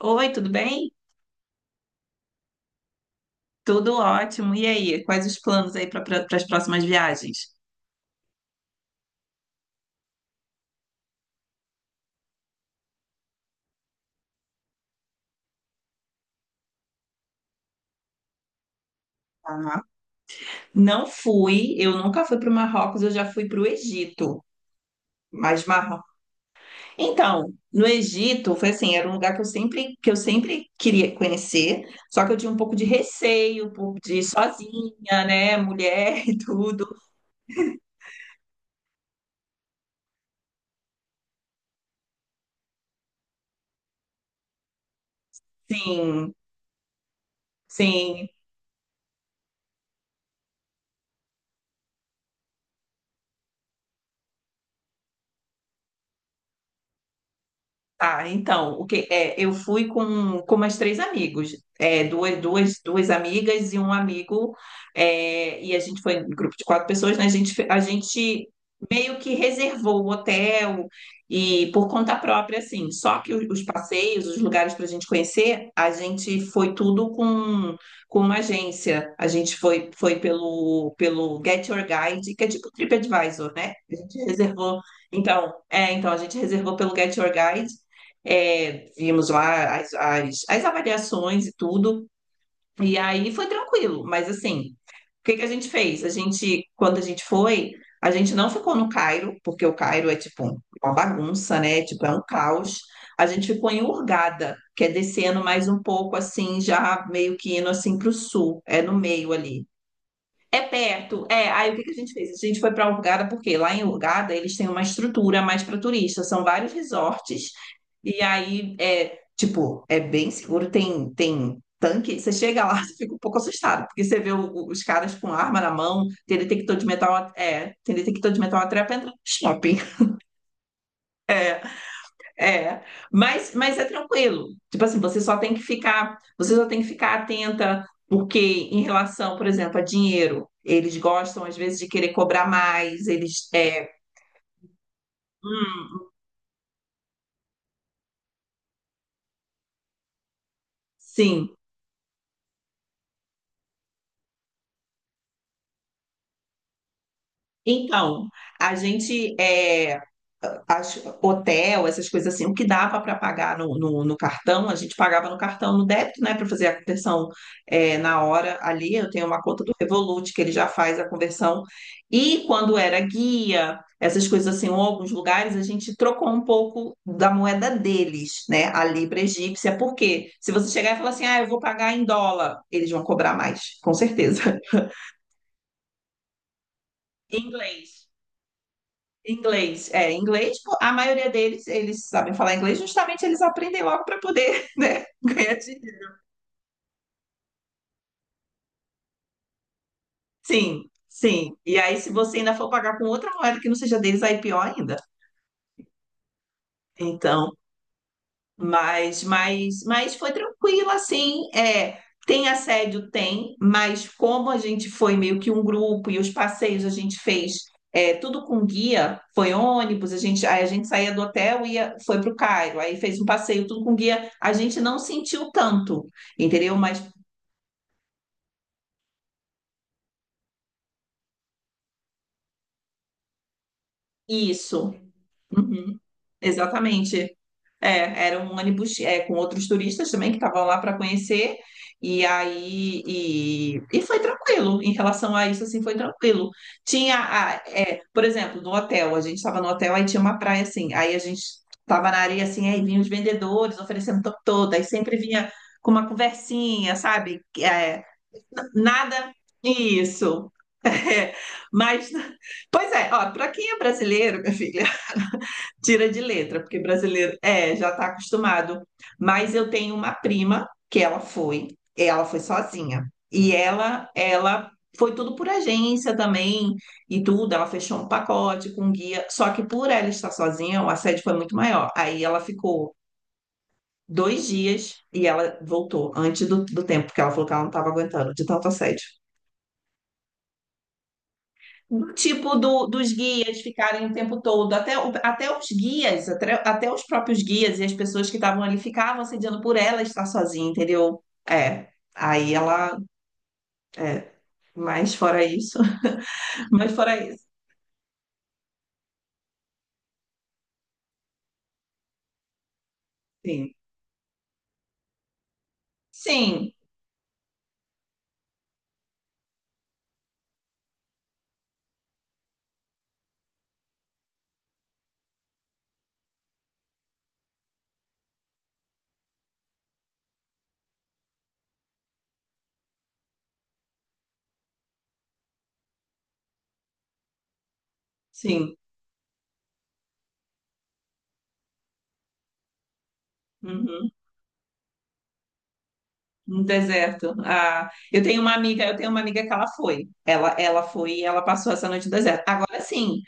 Oi, tudo bem? Tudo ótimo. E aí, quais os planos aí para as próximas viagens? Aham. Não fui, eu nunca fui para o Marrocos, eu já fui para o Egito. Mas Marrocos. Então, no Egito foi assim, era um lugar que eu sempre queria conhecer, só que eu tinha um pouco de receio de ir sozinha, né, mulher e tudo. Sim, sim. Tá, então, o que é, eu fui com mais três amigos, duas amigas e um amigo, e a gente foi em grupo de quatro pessoas, né? A gente meio que reservou o hotel e por conta própria, assim, só que os passeios, os lugares para a gente conhecer, a gente foi tudo com uma agência, a gente foi pelo Get Your Guide, que é tipo um TripAdvisor, né? A gente reservou, então, é, então a gente reservou pelo Get Your Guide, vimos lá as avaliações e tudo. E aí foi tranquilo, mas assim, o que que a gente fez? Quando a gente foi, a gente não ficou no Cairo, porque o Cairo é tipo uma bagunça, né? Tipo, é um caos. A gente ficou em Hurghada, que é descendo mais um pouco assim, já meio que indo assim para o sul, é no meio ali. É perto, é. Aí o que que a gente fez? A gente foi para Hurgada, porque lá em Hurgada eles têm uma estrutura mais para turista, são vários resorts, e aí é tipo, é bem seguro, tem tanque. Você chega lá, você fica um pouco assustado, porque você vê os caras com arma na mão, tem detector de metal até para entrar no shopping. É, mas é tranquilo. Tipo assim, você só tem que ficar atenta, porque em relação, por exemplo, a dinheiro, eles gostam às vezes de querer cobrar mais, eles hum, sim. Então, a gente é, as- hotel, essas coisas assim, o que dava para pagar no cartão, a gente pagava no cartão, no débito, né, para fazer a conversão na hora ali. Eu tenho uma conta do Revolut que ele já faz a conversão. E quando era guia, essas coisas assim, ou alguns lugares, a gente trocou um pouco da moeda deles, né, a libra egípcia, porque se você chegar e falar assim, ah, eu vou pagar em dólar, eles vão cobrar mais, com certeza. Em Inglês. Inglês, pô, a maioria deles, eles sabem falar inglês, justamente eles aprendem logo para poder, né, ganhar dinheiro. Sim, sim. E aí, se você ainda for pagar com outra moeda que não seja deles, aí é pior ainda. Então, mas foi tranquilo, assim, tem assédio? Tem, mas como a gente foi meio que um grupo e os passeios a gente fez tudo com guia, foi ônibus, aí a gente saía do hotel e ia, foi para o Cairo, aí fez um passeio tudo com guia, a gente não sentiu tanto, entendeu? Mas isso, uhum, exatamente. É, era um ônibus com outros turistas também que estavam lá para conhecer, e aí e foi tranquilo em relação a isso, assim, foi tranquilo. Por exemplo, no hotel, a gente estava no hotel, aí tinha uma praia assim, aí a gente estava na areia assim, aí vinham os vendedores oferecendo top todo, aí sempre vinha com uma conversinha, sabe? É, nada. Isso. É, mas, pois é, ó, para quem é brasileiro, minha filha. Tira de letra, porque brasileiro já está acostumado. Mas eu tenho uma prima que ela foi sozinha. E ela foi tudo por agência também e tudo. Ela fechou um pacote com um guia. Só que por ela estar sozinha, o assédio foi muito maior. Aí ela ficou 2 dias e ela voltou antes do tempo, porque ela falou que ela não estava aguentando de tanto assédio. Do tipo dos guias ficarem o tempo todo, até os guias, até os próprios guias e as pessoas que estavam ali ficavam assediando por ela estar sozinha, entendeu? É, aí ela, é, mas fora isso, mas fora isso, sim, sim, sim, uhum, no deserto. Ah, eu tenho uma amiga que ela foi e ela passou essa noite no deserto. Agora sim,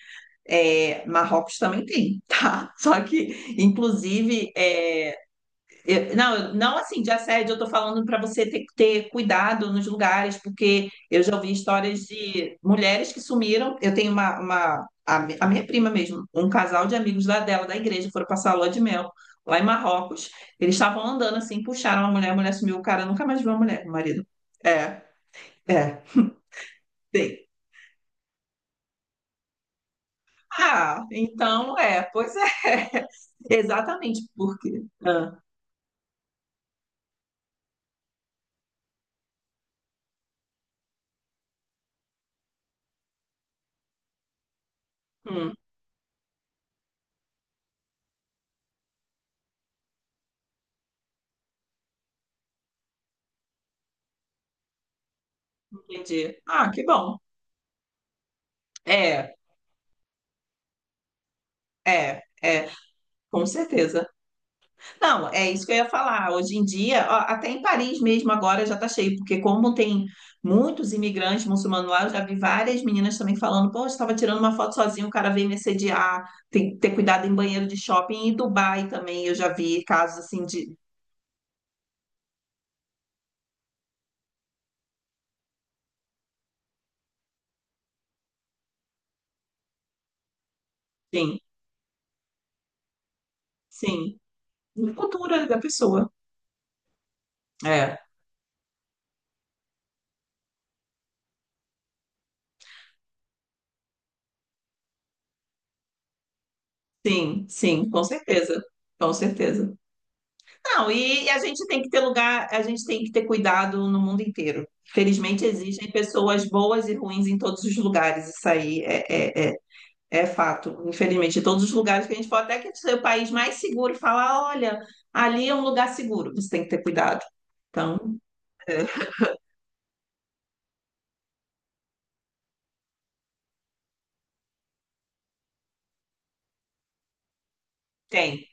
Marrocos também tem, tá? Só que, inclusive, não assim de assédio, eu tô falando para você ter que ter cuidado nos lugares, porque eu já ouvi histórias de mulheres que sumiram. Eu tenho a minha prima mesmo, um casal de amigos lá dela, da igreja, foram passar a lua de mel lá em Marrocos. Eles estavam andando assim, puxaram a mulher sumiu, o cara nunca mais viu a mulher, o marido. É, é, tem. Ah, então é, pois é, exatamente, porque. Ah, hum, entendi. Ah, que bom. É, é. É. Com certeza. Não, é isso que eu ia falar. Hoje em dia, ó, até em Paris mesmo agora já está cheio, porque como tem muitos imigrantes muçulmanos lá, eu já vi várias meninas também falando, pô, eu estava tirando uma foto sozinha, o cara veio me assediar, tem que ter cuidado em banheiro de shopping. E em Dubai também eu já vi casos assim de. Sim, sim. Cultura da pessoa. É, sim, sim, com certeza. Com certeza. Não, e a gente tem que ter lugar, a gente tem que ter cuidado no mundo inteiro. Felizmente existem pessoas boas e ruins em todos os lugares, isso aí é fato. Infelizmente, em todos os lugares que a gente pode, até que seja o país mais seguro, falar, olha, ali é um lugar seguro, você tem que ter cuidado. Então, é, tem.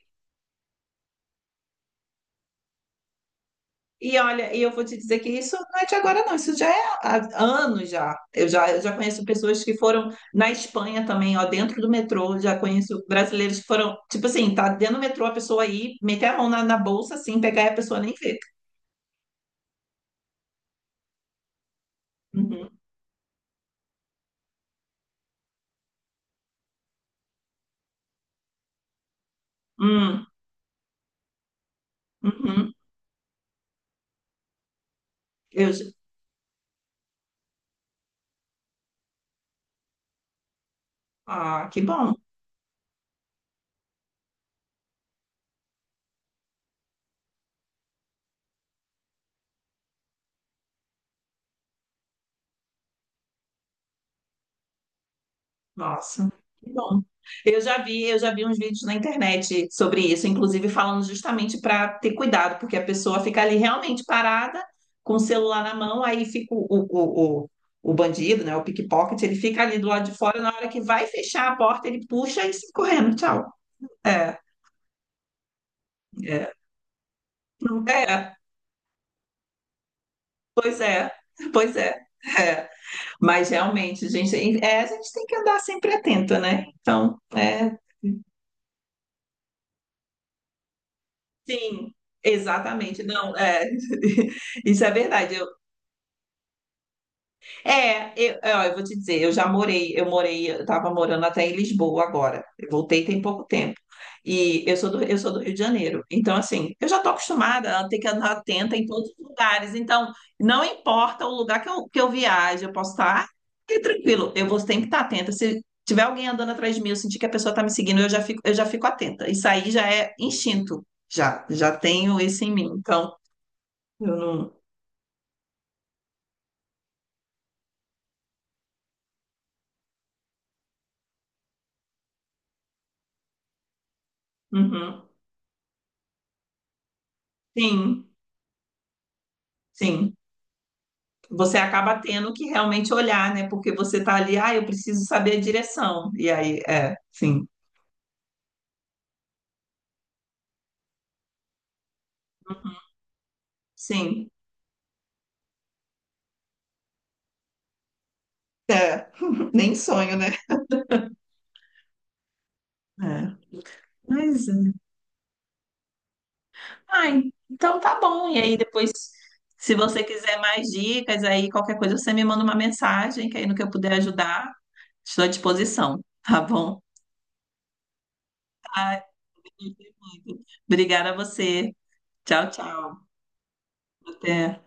E olha, e eu vou te dizer que isso não é de agora, não, isso já é há anos já. Eu já conheço pessoas que foram na Espanha também, ó, dentro do metrô, já conheço brasileiros que foram, tipo assim, tá dentro do metrô, a pessoa aí, meter a mão na bolsa assim, pegar e a pessoa nem vê. Uhum, hum, uhum. Eu, já- ah, que bom. Nossa, que bom. Eu já vi uns vídeos na internet sobre isso, inclusive falando justamente para ter cuidado, porque a pessoa fica ali realmente parada com o celular na mão, aí fica o bandido, né, o pickpocket, ele fica ali do lado de fora, na hora que vai fechar a porta, ele puxa e sai correndo, tchau. É, é, é, pois é, pois é. É, mas realmente, gente, a gente tem que andar sempre atento, né? Então, sim, exatamente. Não, é, isso é verdade. Ó, eu vou te dizer, eu já morei, eu estava morando até em Lisboa agora. Eu voltei tem pouco tempo. E eu sou do Rio de Janeiro. Então, assim, eu já estou acostumada a ter que andar atenta em todos os lugares. Então, não importa o lugar que eu viaje, eu posso estar fique tranquilo. Eu vou sempre estar atenta. Se tiver alguém andando atrás de mim, eu sentir que a pessoa está me seguindo, eu já fico atenta. Isso aí já é instinto. Já tenho isso em mim. Então, eu não. Uhum. Sim, sim. Você acaba tendo que realmente olhar, né? Porque você tá ali, ah, eu preciso saber a direção. E aí, sim, sim. É, nem sonho, né? É. Mas, é. Ah, então tá bom. E aí depois, se você quiser mais dicas, aí qualquer coisa você me manda uma mensagem, que aí no que eu puder ajudar, estou à disposição, tá bom? Ai, eu gostei muito. Obrigada a você. Tchau, tchau. Até.